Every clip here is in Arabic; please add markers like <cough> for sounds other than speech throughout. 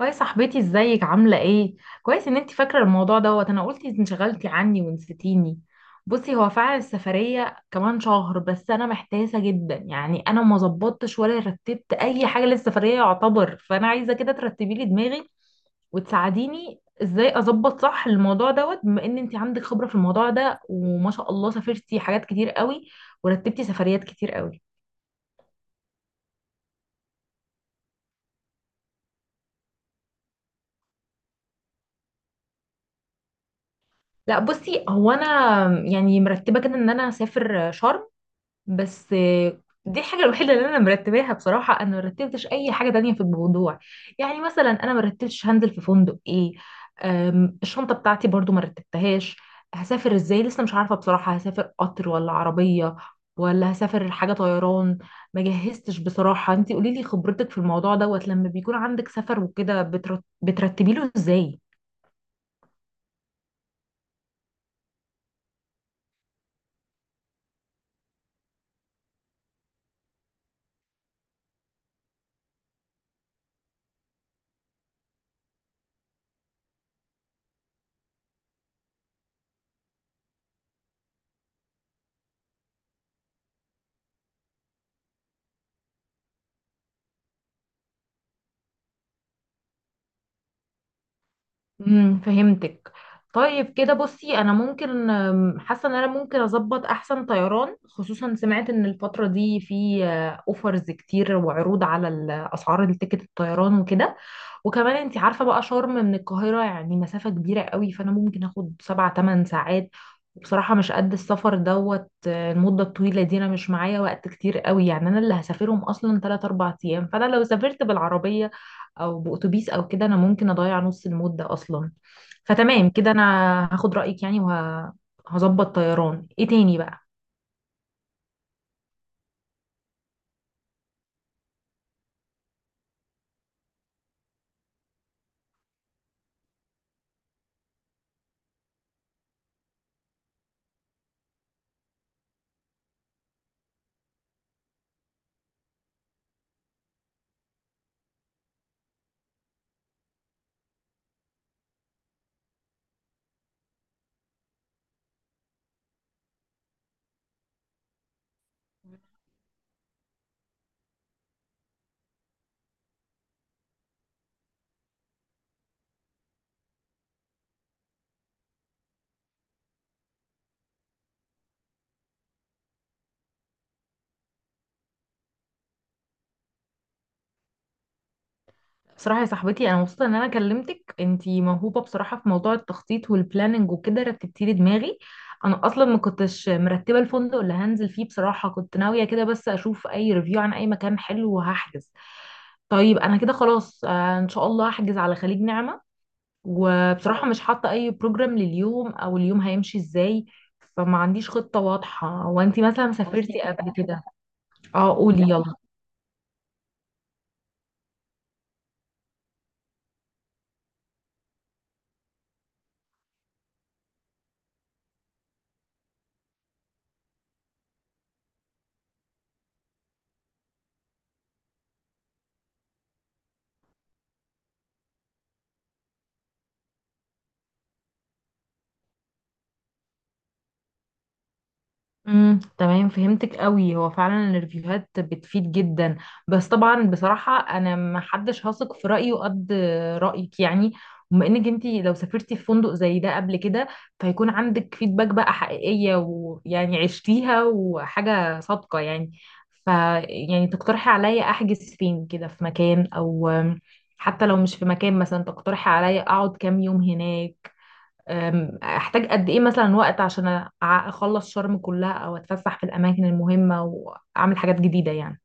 هاي صاحبتي، ازيك عاملة ايه؟ كويس ان انتي فاكرة الموضوع دوت. انا قلت انشغلتي عني ونسيتيني. بصي، هو فعلا السفرية كمان شهر، بس انا محتاسة جدا. يعني انا ما ظبطتش ولا رتبت اي حاجة للسفرية يعتبر، فانا عايزة كده ترتبي لي دماغي وتساعديني ازاي اظبط صح الموضوع دوت، بما ان انتي عندك خبرة في الموضوع ده وما شاء الله سافرتي حاجات كتير قوي ورتبتي سفريات كتير قوي. لا بصي، هو انا يعني مرتبة كده ان انا هسافر شرم. بس دي الحاجة الوحيدة اللي أنا مرتباها. بصراحة أنا مرتبتش أي حاجة تانية في الموضوع. يعني مثلا أنا مرتبتش هنزل في فندق إيه. الشنطة بتاعتي برضو مرتبتهاش. هسافر إزاي لسه مش عارفة بصراحة، هسافر قطر ولا عربية ولا هسافر حاجة طيران؟ ما جهزتش بصراحة. انتي قوليلي خبرتك في الموضوع دوت، لما بيكون عندك سفر وكده بترتبيله إزاي؟ فهمتك. طيب كده بصي، انا ممكن حاسه ان انا ممكن اظبط احسن طيران، خصوصا سمعت ان الفتره دي في اوفرز كتير وعروض على اسعار التيكت الطيران وكده. وكمان انت عارفة بقى شرم من القاهرة يعني مسافة كبيرة قوي، فانا ممكن اخد 7 8 ساعات. وبصراحة مش قد السفر دوت. المدة الطويلة دي انا مش معايا وقت كتير قوي، يعني انا اللي هسافرهم اصلا 3 4 أيام، فانا لو سافرت بالعربية او بأتوبيس او كده انا ممكن اضيع نص المدة اصلا. فتمام كده انا هاخد رأيك يعني، وهظبط طيران ايه تاني بقى. بصراحة يا صاحبتي، أنا مبسوطة إن أنا كلمتك. أنتي موهوبة بصراحة في موضوع التخطيط والبلاننج وكده، رتبتي لي دماغي. أنا أصلا ما كنتش مرتبة الفندق اللي هنزل فيه بصراحة، كنت ناوية كده بس أشوف أي ريفيو عن أي مكان حلو وهحجز. طيب أنا كده خلاص، إن شاء الله هحجز على خليج نعمة. وبصراحة مش حاطة أي بروجرام لليوم أو اليوم هيمشي إزاي، فما عنديش خطة واضحة. وأنتي مثلا سافرتي قبل كده؟ أه، قولي يلا. تمام، فهمتك قوي. هو فعلا الريفيوهات بتفيد جدا. بس طبعا بصراحة انا ما حدش هثق في رأيه قد رأيك يعني. بما انك انتي لو سافرتي في فندق زي ده قبل كده، فيكون عندك فيدباك بقى حقيقية، ويعني عشتيها وحاجة صادقة يعني. ف يعني تقترحي عليا احجز فين كده في مكان، او حتى لو مش في مكان مثلا تقترحي عليا اقعد كام يوم هناك. احتاج قد ايه مثلا وقت عشان اخلص شرم كلها او اتفسح في الاماكن المهمة واعمل حاجات جديدة يعني.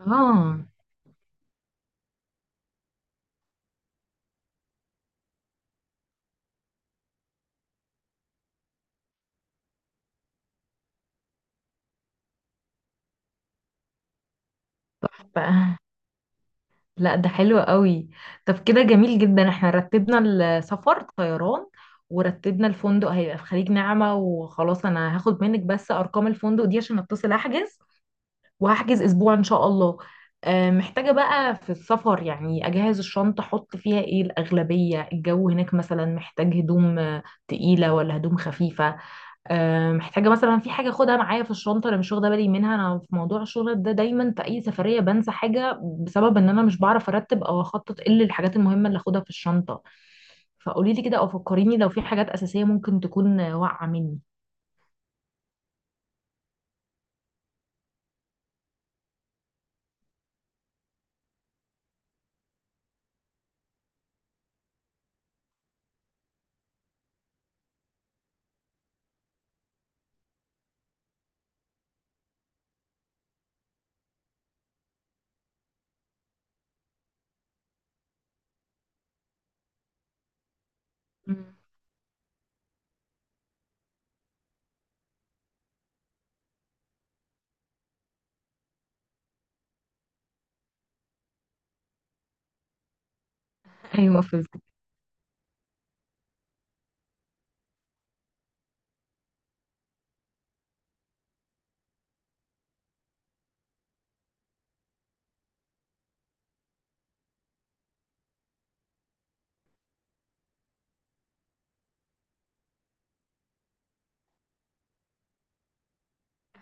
اه. ف... لا، ده حلو قوي. طب كده جميل جدا، احنا رتبنا السفر طيران، ورتبنا الفندق هيبقى في خليج نعمة. وخلاص، انا هاخد منك بس ارقام الفندق دي عشان اتصل احجز، وهحجز اسبوع ان شاء الله. محتاجة بقى في السفر يعني اجهز الشنطة، احط فيها ايه؟ الاغلبية الجو هناك مثلا محتاج هدوم تقيلة ولا هدوم خفيفة؟ محتاجة مثلا في حاجة اخدها معايا في الشنطة انا مش واخدة بالي منها. انا في موضوع الشغل ده دايما في اي سفرية بنسى حاجة، بسبب ان انا مش بعرف ارتب او اخطط ايه الحاجات المهمة اللي اخدها في الشنطة. فقولي لي كده او فكريني لو في حاجات اساسية ممكن تكون واقعة مني. مم. ايوه، فهمت.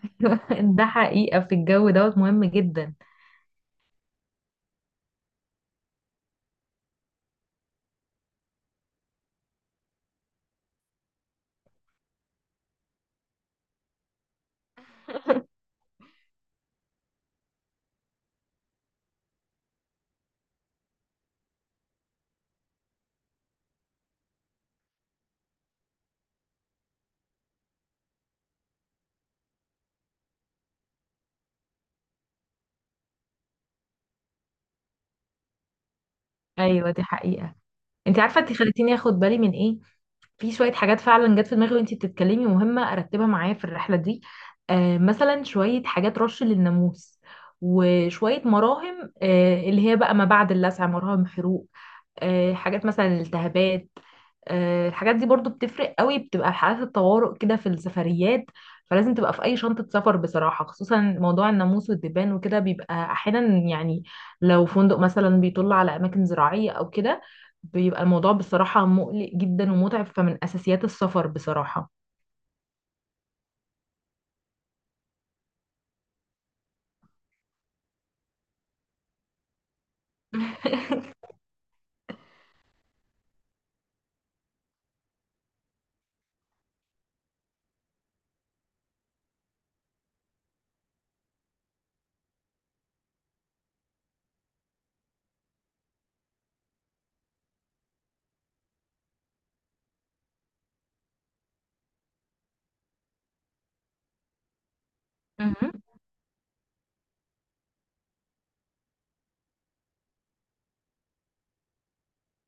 <laughs> ده حقيقة في الجو دوت مهم جدا. ايوه دي حقيقة. انت عارفة انت خليتيني اخد بالي من ايه؟ في شوية حاجات فعلا جت في دماغي وانت بتتكلمي، مهمة ارتبها معايا في الرحلة دي. مثلا شوية حاجات رش للناموس، وشوية مراهم اللي هي بقى ما بعد اللسع، مراهم حروق. حاجات مثلا الالتهابات. الحاجات دي برضو بتفرق قوي، بتبقى حالات الطوارئ كده في السفريات، فلازم تبقى في اي شنطة سفر بصراحة. خصوصا موضوع الناموس والدبان وكده بيبقى احيانا يعني، لو فندق مثلا بيطل على اماكن زراعية او كده بيبقى الموضوع بصراحة مقلق جدا ومتعب، فمن اساسيات السفر بصراحة. <laughs> مهم.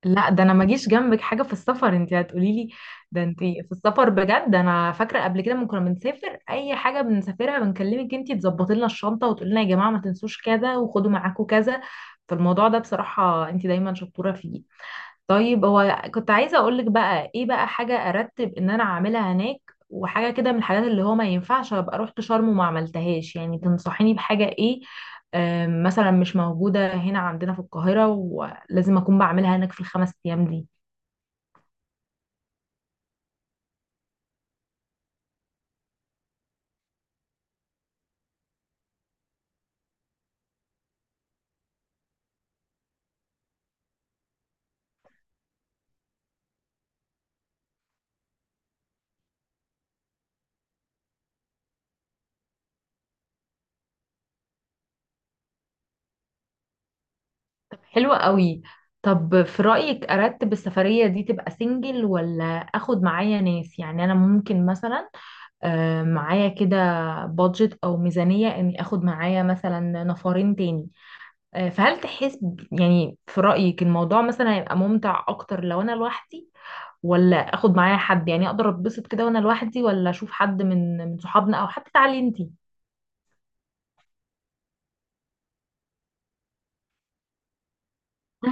لا ده انا ما جيش جنبك حاجه في السفر، انت هتقولي لي. ده انت في السفر بجد، انا فاكره قبل كده لما كنا بنسافر اي حاجه بنسافرها بنكلمك انت تظبطي لنا الشنطه وتقولي لنا يا جماعه ما تنسوش كذا وخدوا معاكوا كذا. فالموضوع ده بصراحه انت دايما شطوره فيه. طيب هو كنت عايزة اقولك بقى ايه، بقى حاجة ارتب ان انا اعملها هناك وحاجة كده من الحاجات اللي هو ما ينفعش ابقى رحت شرم وما عملتهاش، يعني تنصحيني بحاجة ايه مثلا مش موجودة هنا عندنا في القاهرة ولازم اكون بعملها هناك في ال5 أيام دي؟ طب حلوة قوي. طب في رأيك ارتب السفرية دي تبقى سنجل ولا اخد معايا ناس؟ يعني انا ممكن مثلا معايا كده بادجت او ميزانية اني اخد معايا مثلا نفرين تاني. فهل تحس يعني في رأيك الموضوع مثلا هيبقى ممتع اكتر لو انا لوحدي، ولا اخد معايا حد يعني؟ اقدر اتبسط كده وانا لوحدي، ولا اشوف حد من صحابنا، او حتى تعالي انتي؟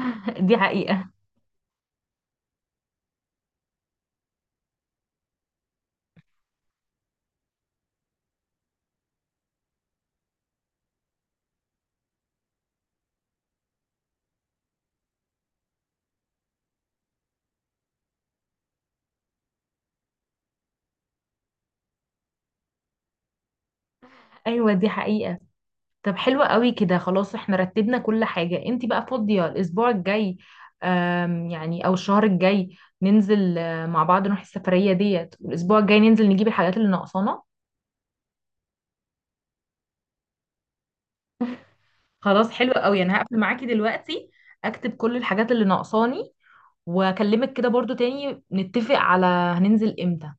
<laughs> دي حقيقة. ايوه دي حقيقة. طب حلوة قوي كده، خلاص احنا رتبنا كل حاجة. انتي بقى فاضية الاسبوع الجاي يعني، او الشهر الجاي ننزل مع بعض نروح السفرية ديت، والاسبوع الجاي ننزل نجيب الحاجات اللي ناقصانا. خلاص حلوة قوي، انا هقفل معاكي دلوقتي، اكتب كل الحاجات اللي ناقصاني، واكلمك كده برضو تاني نتفق على هننزل امتى.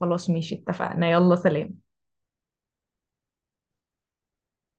خلاص ماشي، اتفقنا. يلا سلام.